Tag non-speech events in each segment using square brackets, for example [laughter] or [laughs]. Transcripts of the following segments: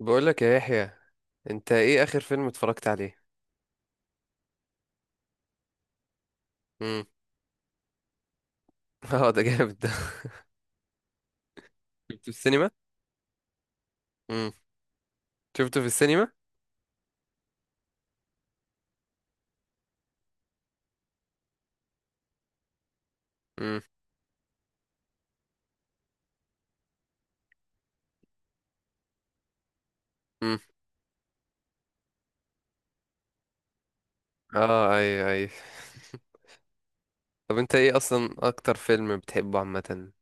بقول لك يا يحيى، انت ايه اخر فيلم اتفرجت عليه؟ امم. [laughs] اه، ده جامد ده. [laughs] شفته في السينما؟ امم. شفته في السينما؟ امم. امم. اه، اي اي. [laughs] طب انت ايه اصلا اكتر فيلم بتحبه عامه؟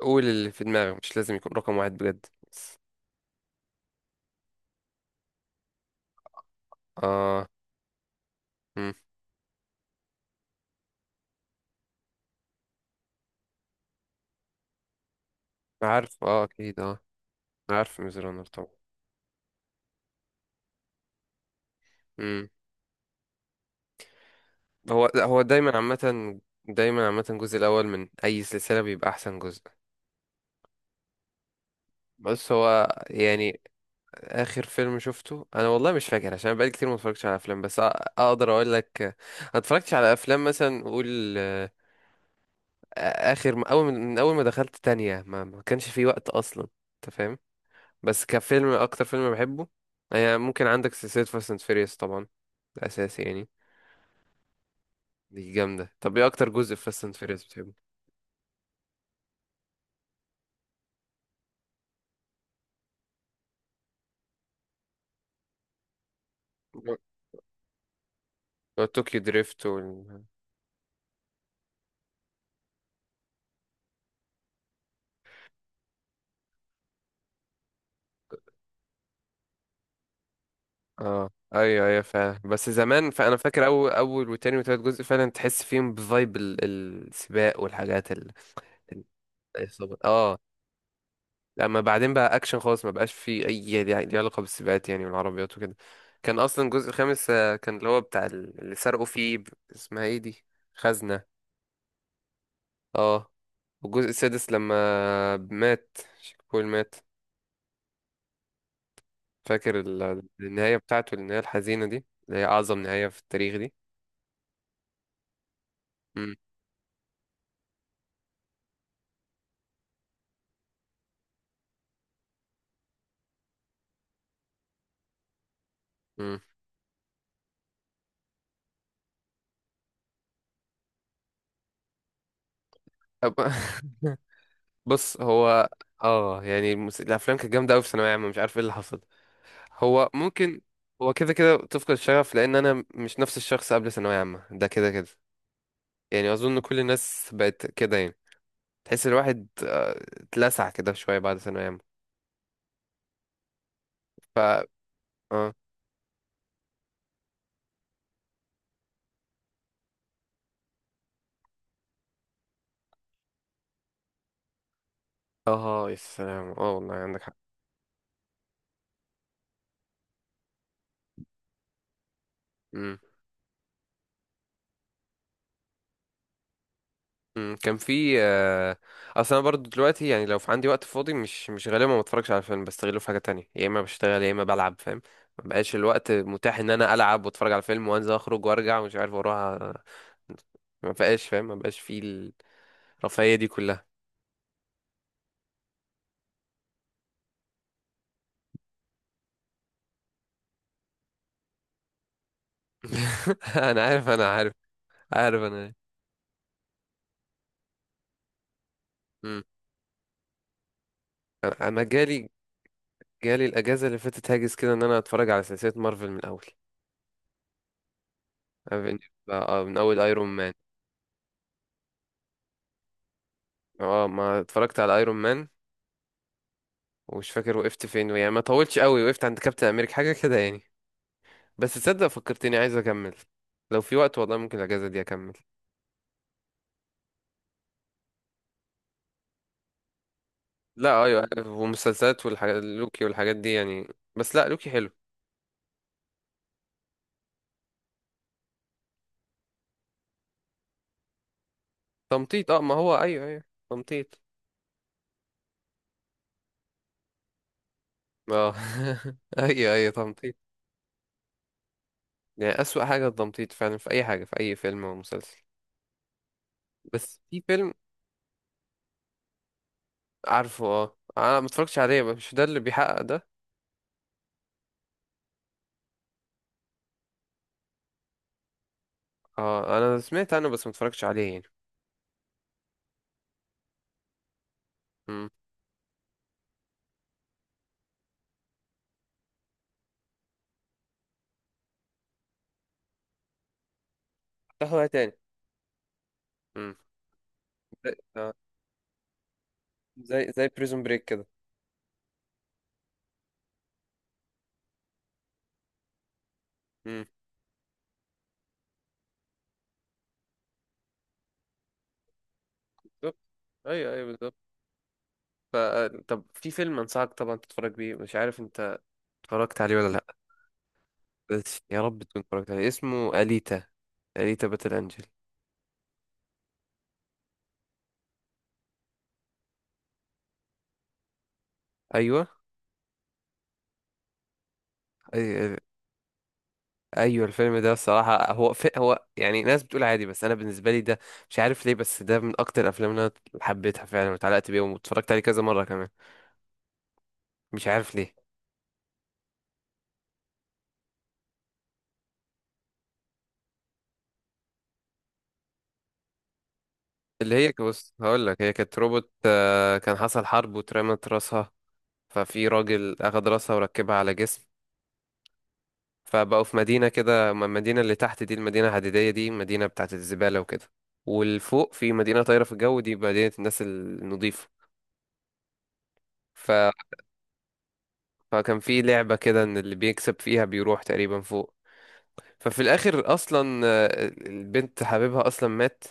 قول اللي في دماغك، مش لازم يكون رقم واحد بجد بس. اه. امم. عارف، اه اكيد، اه عارف ميز رانر طبعا. امم. هو دايما عامه دايما عامه الجزء الاول من اي سلسله بيبقى احسن جزء. بس هو يعني اخر فيلم شفته انا والله مش فاكر عشان بقالي كتير ما اتفرجتش على افلام، بس اقدر اقول لك، ما اتفرجتش على افلام مثلا، قول، اخر اول من ما دخلت تانية، ما كانش في وقت اصلا. انت فاهم؟ بس كفيلم، اكتر فيلم بحبه هي ممكن عندك سلسلة فاست اند فيريوس طبعا، ده اساسي يعني. دي جامدة. طب ايه اكتر جزء في فاست اند فيريوس بتحبه؟ طوكيو دريفت. اه ايوه ايوه فعلا. بس زمان، فانا فاكر اول، اول وتاني وتالت جزء فعلا تحس فيهم بفايب السباق والحاجات ال- الإصابة. اه لما بعدين بقى اكشن خالص، ما بقاش فيه اي ليه علاقه بالسباقات يعني، والعربيات وكده. كان اصلا الجزء الخامس، كان اللي هو بتاع اللي سرقوا فيه، اسمها ايه دي، خزنه. اه والجزء السادس لما مات شيك بول مات، فاكر النهايه بتاعته، النهايه الحزينه دي اللي هي اعظم نهايه في التاريخ دي. مم. مم. طب [laughs] بص هو اه يعني الافلام كانت جامده قوي في ثانويه عامه، مش عارف ايه اللي حصل. هو ممكن هو كده كده تفقد الشغف لان انا مش نفس الشخص قبل ثانويه عامه، ده كده كده. يعني اظن كل الناس بقت كده يعني. تحس الواحد، اتلسع كده شويه بعد ثانويه عامه. ف اه يا سلام، اه والله عندك حق. مم، كان في، اصل انا برضو دلوقتي يعني لو في عندي وقت فاضي، مش غالبا ما بتفرجش على فيلم، بستغله في حاجه تانية، يا اما بشتغل يا اما بلعب، فاهم؟ ما بقاش الوقت متاح ان انا العب واتفرج على فيلم وانزل اخرج وارجع ومش عارف واروح، ما بقاش فاهم، ما بقاش في الرفاهيه دي كلها. [laughs] انا عارف انا عارف عارف انا إيه. مم. انا جالي الاجازه اللي فاتت هاجس كده ان انا اتفرج على سلسله مارفل من الاول. أنا بن- من اول ايرون مان. اه، ما اتفرجت على ايرون مان ومش فاكر وقفت فين يعني، ما طولتش قوي، وقفت عند كابتن امريكا حاجه كده يعني. بس تصدق فكرتني عايز اكمل. لو في وقت والله ممكن الاجازه دي اكمل. لا ايوه، ومسلسلات والحاجات، لوكي والحاجات دي يعني. بس لا، لوكي حلو. تمطيط، اه ما هو ايوه ايوه تمطيط. اه [laughs] ايوه ايوه تمطيط. يعني اسوأ حاجه التمطيط فعلا في اي حاجه، في اي فيلم او مسلسل. بس في فيلم عارفه، اه انا ما اتفرجتش عليه، مش ده اللي بيحقق ده؟ اه انا سمعت عنه بس ما اتفرجتش عليه يعني. امم. تحوى تاني. امم. زي بريزون بريك كده. امم. بالظبط، ايوه ايوه بالظبط. ف- طب في فيلم انصحك طبعا تتفرج بيه، مش عارف انت اتفرجت عليه ولا لا. بس يا رب تكون اتفرجت عليه، اسمه اليتا، اليتا باتل انجل. ايوه. أي- ايوه الفيلم ده الصراحه، هو في هو يعني ناس بتقول عادي، بس انا بالنسبه لي ده مش عارف ليه، بس ده من اكتر الافلام اللي انا حبيتها فعلا واتعلقت بيها واتفرجت عليه كذا مره كمان، مش عارف ليه. اللي هي، بص هقول لك، هي كانت روبوت، كان حصل حرب واترمت راسها، ففي راجل أخد راسها وركبها على جسم. فبقوا في مدينة كده، المدينة اللي تحت دي المدينة الحديدية دي مدينة بتاعت الزبالة وكده، والفوق في مدينة طايرة في الجو، دي مدينة الناس النظيفة. ف... فكان في لعبة كده، إن اللي بيكسب فيها بيروح تقريبا فوق. ففي الآخر أصلا، البنت حبيبها أصلا مات،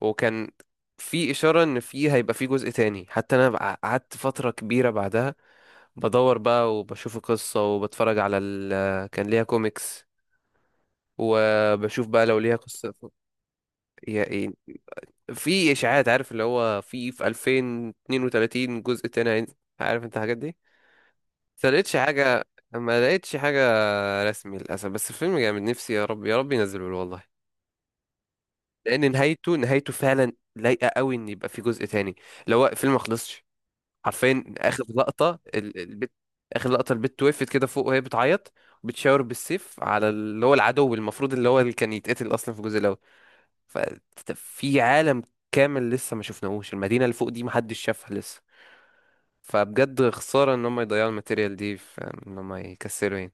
وكان في إشارة إن في هيبقى في جزء تاني. حتى أنا قعدت فترة كبيرة بعدها بدور بقى وبشوف القصة وبتفرج على كان ليها كوميكس، وبشوف بقى لو ليها قصة يعني. في إشاعات، عارف اللي هو، في 2032 جزء تاني هينزل. عارف انت الحاجات دي. بس ما لقيتش حاجة، ما لقيتش حاجة رسمي للأسف. بس الفيلم جامد، نفسي يا رب يا رب ينزله له والله، لأن نهايته، نهايته فعلا لايقة قوي إن يبقى في جزء تاني. لو هو الفيلم ما خلصش، حرفيا آخر لقطة البت، آخر لقطة البت وقفت كده فوق وهي بتعيط، بتشاور بالسيف على اللي هو العدو المفروض اللي هو اللي كان يتقتل أصلا في الجزء الأول. ففي عالم كامل لسه ما شفناهوش، المدينة اللي فوق دي محدش شافها لسه. فبجد خسارة ان هم يضيعوا الماتيريال دي في ان هم يكسروا يعني.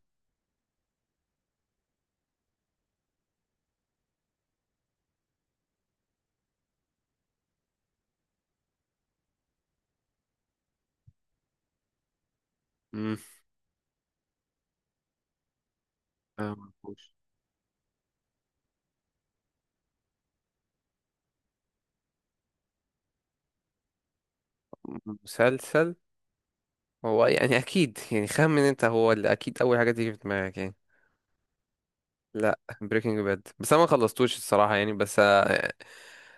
مم. معرفوش. مسلسل. هو يعني اكيد يعني خمن انت، هو اللي اكيد اول حاجة تيجي في دماغك يعني. لا بريكنج باد، بس انا ما خلصتوش الصراحة يعني، بس،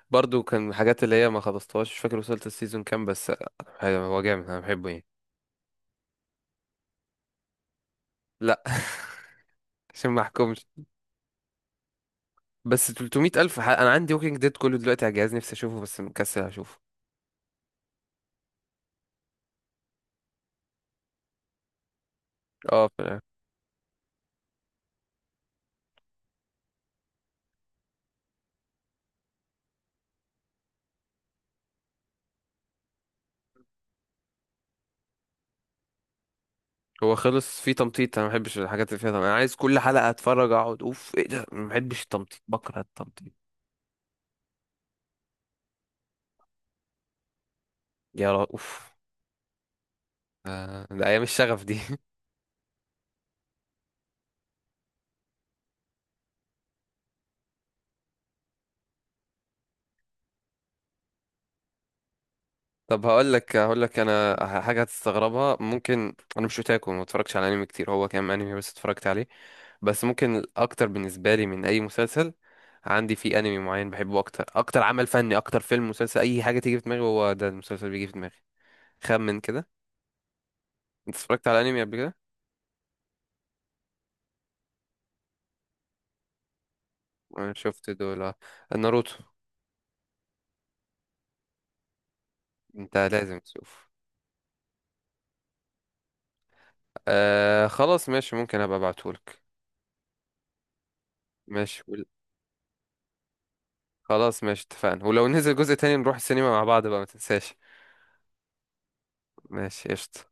برضو كان من الحاجات اللي هي ما خلصتهاش، مش فاكر وصلت السيزون كام، بس، هو جامد انا بحبه يعني. لا [laughs] عشان ما احكمش. بس 300 ألف، أنا عندي ووكينج ديد كله دلوقتي على الجهاز، نفسي أشوفه بس مكسل أشوفه. اه فعلا. هو خلص فيه تمطيط، أنا مبحبش الحاجات اللي فيها تمطيط. أنا عايز كل حلقة أتفرج أقعد أوف إيه ده، مبحبش التمطيط، بكره التمطيط. يا را أوف، ده أيام الشغف دي. [laughs] طب هقول لك أنا حاجة هتستغربها، ممكن أنا مش أوتاكو، ما اتفرجش على أنمي كتير، هو كام أنمي بس اتفرجت عليه. بس ممكن الأكتر بالنسبة لي من أي مسلسل، عندي فيه أنمي معين بحبه أكتر، أكتر عمل فني، أكتر فيلم مسلسل أي حاجة تيجي في دماغي هو ده المسلسل بيجي في دماغي. خمن كده. انت اتفرجت على انمي قبل كده؟ انا شفت دول آه. ناروتو. انت لازم تشوف. آه خلاص ماشي، ممكن ابقى ابعتهولك. ماشي خلاص ماشي اتفقنا. ولو نزل جزء تاني نروح السينما مع بعض بقى، ما تنساش. ماشي قشطة.